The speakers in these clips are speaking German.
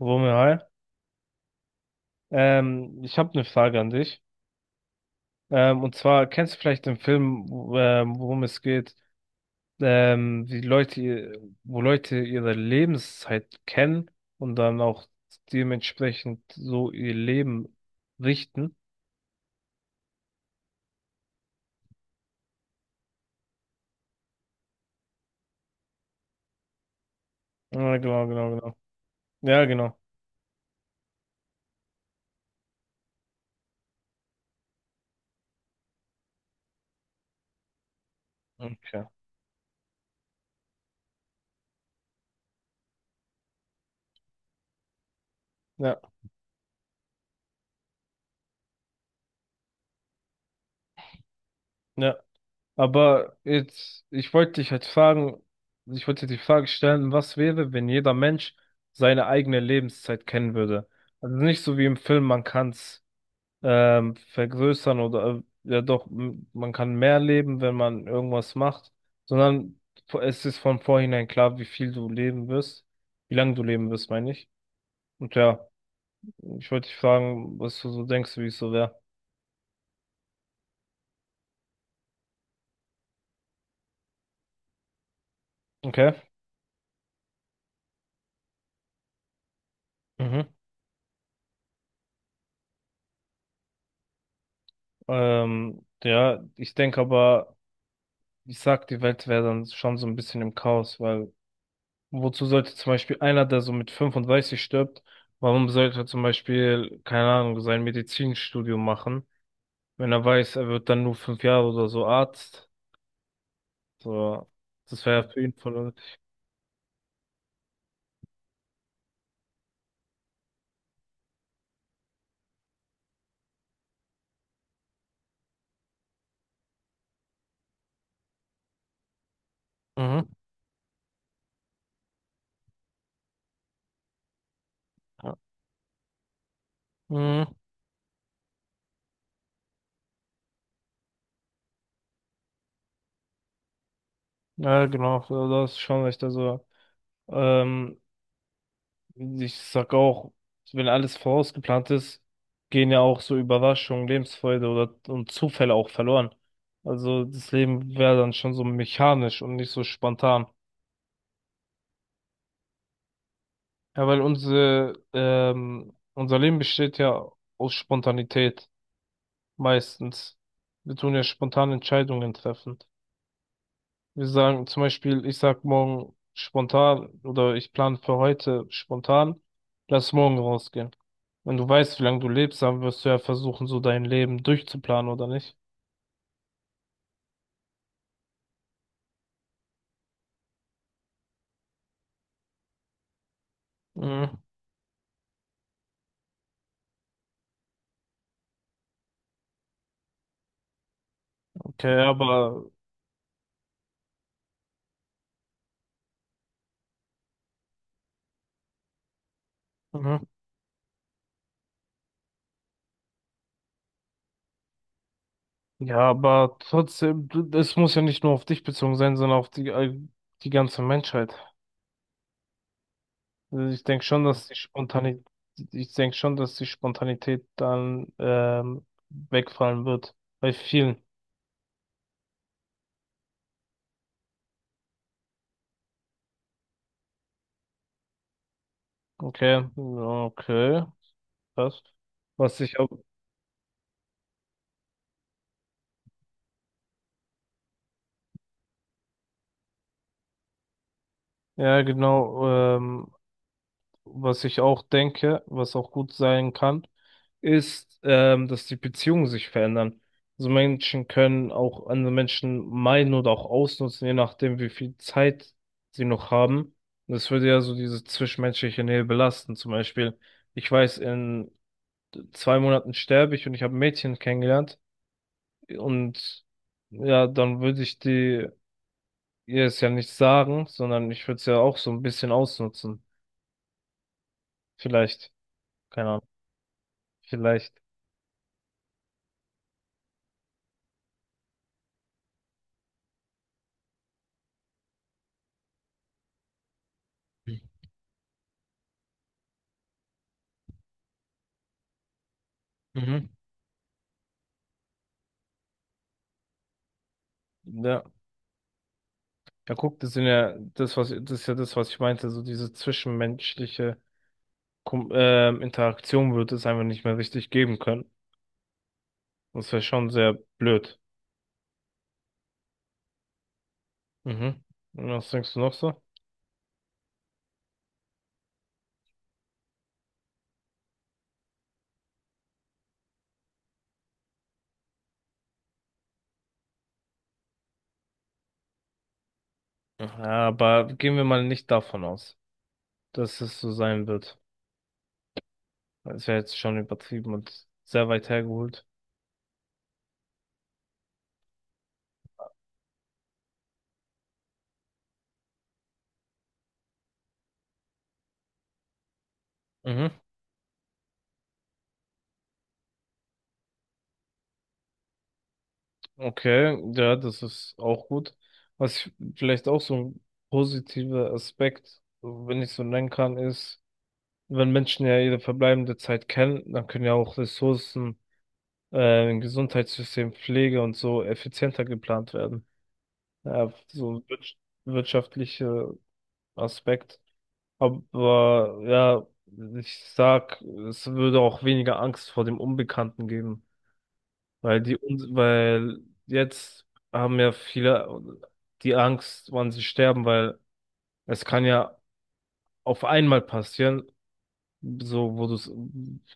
Romeo, hi. Ich habe eine Frage an dich. Und zwar kennst du vielleicht den Film, worum es geht, wie wo Leute ihre Lebenszeit kennen und dann auch dementsprechend so ihr Leben richten? Ja, genau, genau, genau. Ja, genau. Okay. Ja, ja. Aber jetzt, ich wollte dir die Frage stellen, was wäre, wenn jeder Mensch seine eigene Lebenszeit kennen würde? Also nicht so wie im Film, man kann es vergrößern oder man kann mehr leben, wenn man irgendwas macht, sondern es ist von vornherein klar, wie viel du leben wirst, wie lange du leben wirst, meine ich. Und ja, ich wollte dich fragen, was du so denkst, wie es so wäre. Okay. Mhm. Ja, ich denke aber. Ich sag, die Welt wäre dann schon so ein bisschen im Chaos, weil wozu sollte zum Beispiel einer, der so mit 35 stirbt, warum sollte er zum Beispiel, keine Ahnung, sein Medizinstudium machen, wenn er weiß, er wird dann nur 5 Jahre oder so Arzt? So, das wäre für ihn voll unnötig. Mhm. Ja. Mhm. Ja, genau, so, das ist schon echt. Also, ähm, ich sag auch, wenn alles vorausgeplant ist, gehen ja auch so Überraschungen, Lebensfreude oder und Zufälle auch verloren. Also das Leben wäre dann schon so mechanisch und nicht so spontan. Ja, weil unser Leben besteht ja aus Spontanität meistens. Wir tun ja spontan Entscheidungen treffen. Wir sagen zum Beispiel, ich sag morgen spontan oder ich plane für heute spontan, lass morgen rausgehen. Wenn du weißt, wie lange du lebst, dann wirst du ja versuchen, so dein Leben durchzuplanen, oder nicht? Mhm. Okay, aber mhm. Ja, aber trotzdem, das muss ja nicht nur auf dich bezogen sein, sondern auf die ganze Menschheit. Also ich denke schon, dass die Spontanität dann wegfallen wird. Bei vielen. Okay, ja, okay. Passt. Was ich auch, ja genau, was ich auch denke, was auch gut sein kann, ist, dass die Beziehungen sich verändern. Also Menschen können auch andere Menschen meiden oder auch ausnutzen, je nachdem, wie viel Zeit sie noch haben. Und das würde ja so diese zwischenmenschliche Nähe belasten. Zum Beispiel, ich weiß, in 2 Monaten sterbe ich und ich habe ein Mädchen kennengelernt und ja, dann würde ich die ihr es ja nicht sagen, sondern ich würde es ja auch so ein bisschen ausnutzen. Vielleicht. Keine Ahnung. Vielleicht. Mhm. Ja. Ja, guck, das ist ja das, was ich meinte, so diese zwischenmenschliche Kom Interaktion wird es einfach nicht mehr richtig geben können. Das wäre schon sehr blöd. Mhm. Und was denkst du noch so? Ja, aber gehen wir mal nicht davon aus, dass es so sein wird. Das wäre jetzt schon übertrieben und sehr weit hergeholt. Mhm. Okay, ja, das ist auch gut. Was ich, vielleicht auch so ein positiver Aspekt, wenn ich so nennen kann, ist, wenn Menschen ja ihre verbleibende Zeit kennen, dann können ja auch Ressourcen, im Gesundheitssystem, Pflege und so effizienter geplant werden. Ja, so ein wirtschaftlicher Aspekt. Aber ja, ich sag, es würde auch weniger Angst vor dem Unbekannten geben. Weil jetzt haben ja viele die Angst, wann sie sterben, weil es kann ja auf einmal passieren, so wo du es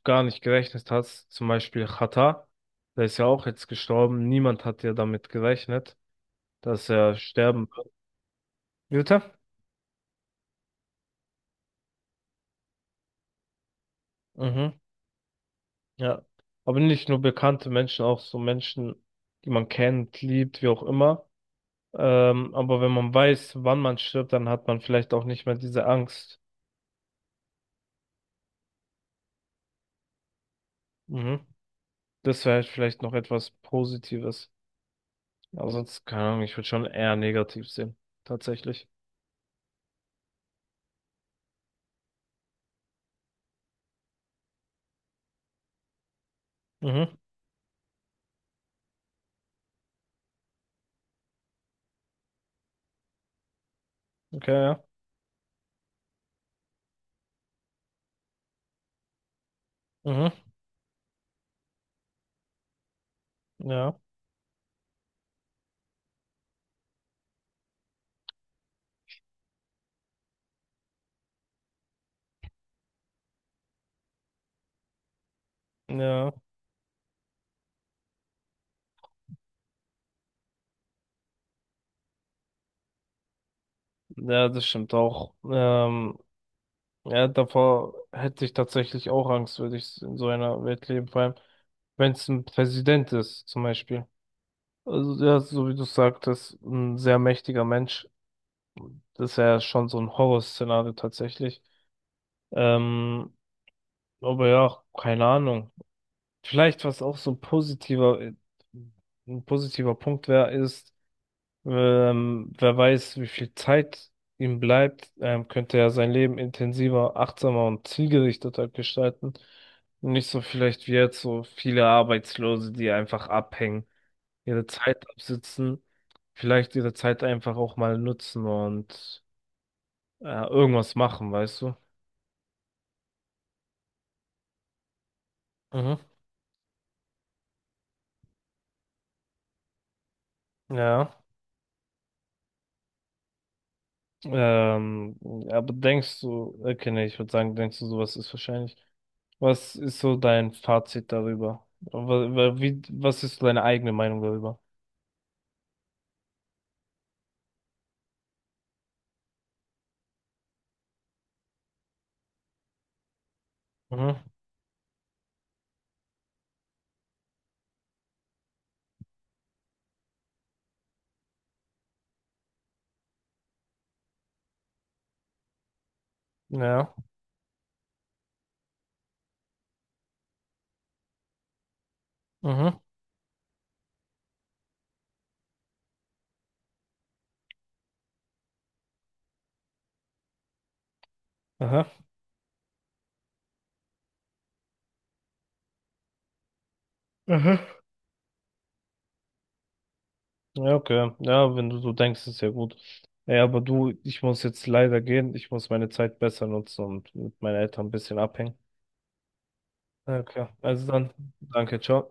gar nicht gerechnet hast. Zum Beispiel Xatar, der ist ja auch jetzt gestorben. Niemand hat ja damit gerechnet, dass er sterben wird. Jutta? Mhm, ja. Aber nicht nur bekannte Menschen, auch so Menschen, die man kennt, liebt, wie auch immer. Aber wenn man weiß, wann man stirbt, dann hat man vielleicht auch nicht mehr diese Angst. Mhm. Das wäre vielleicht noch etwas Positives. Aber sonst, keine Ahnung, ich würde schon eher negativ sehen. Tatsächlich. Mhm, okay, ja. Mhm, ja, ja. Ja, das stimmt auch. Ja, davor hätte ich tatsächlich auch Angst, würde ich in so einer Welt leben. Vor allem, wenn es ein Präsident ist, zum Beispiel. Also, ja, so wie du sagtest, ein sehr mächtiger Mensch. Das wäre schon so ein Horrorszenario tatsächlich. Ähm, aber ja, keine Ahnung. Vielleicht, was auch so ein ein positiver Punkt wäre, ist, wer weiß, wie viel Zeit ihm bleibt, könnte er sein Leben intensiver, achtsamer und zielgerichteter gestalten. Und nicht so vielleicht wie jetzt so viele Arbeitslose, die einfach abhängen, ihre Zeit absitzen, vielleicht ihre Zeit einfach auch mal nutzen und irgendwas machen, weißt du? Mhm. Ja. Ähm, aber denkst du, okay, nee, Ich würde sagen, denkst du, sowas ist wahrscheinlich. Was ist so dein Fazit darüber? Was ist so deine eigene Meinung darüber? Mhm. Ja. Mhm. Aha. Aha. Ja, okay. Ja, wenn du so denkst, ist ja gut. Ja, aber du, ich muss jetzt leider gehen. Ich muss meine Zeit besser nutzen und mit meinen Eltern ein bisschen abhängen. Okay, also dann, danke, ciao.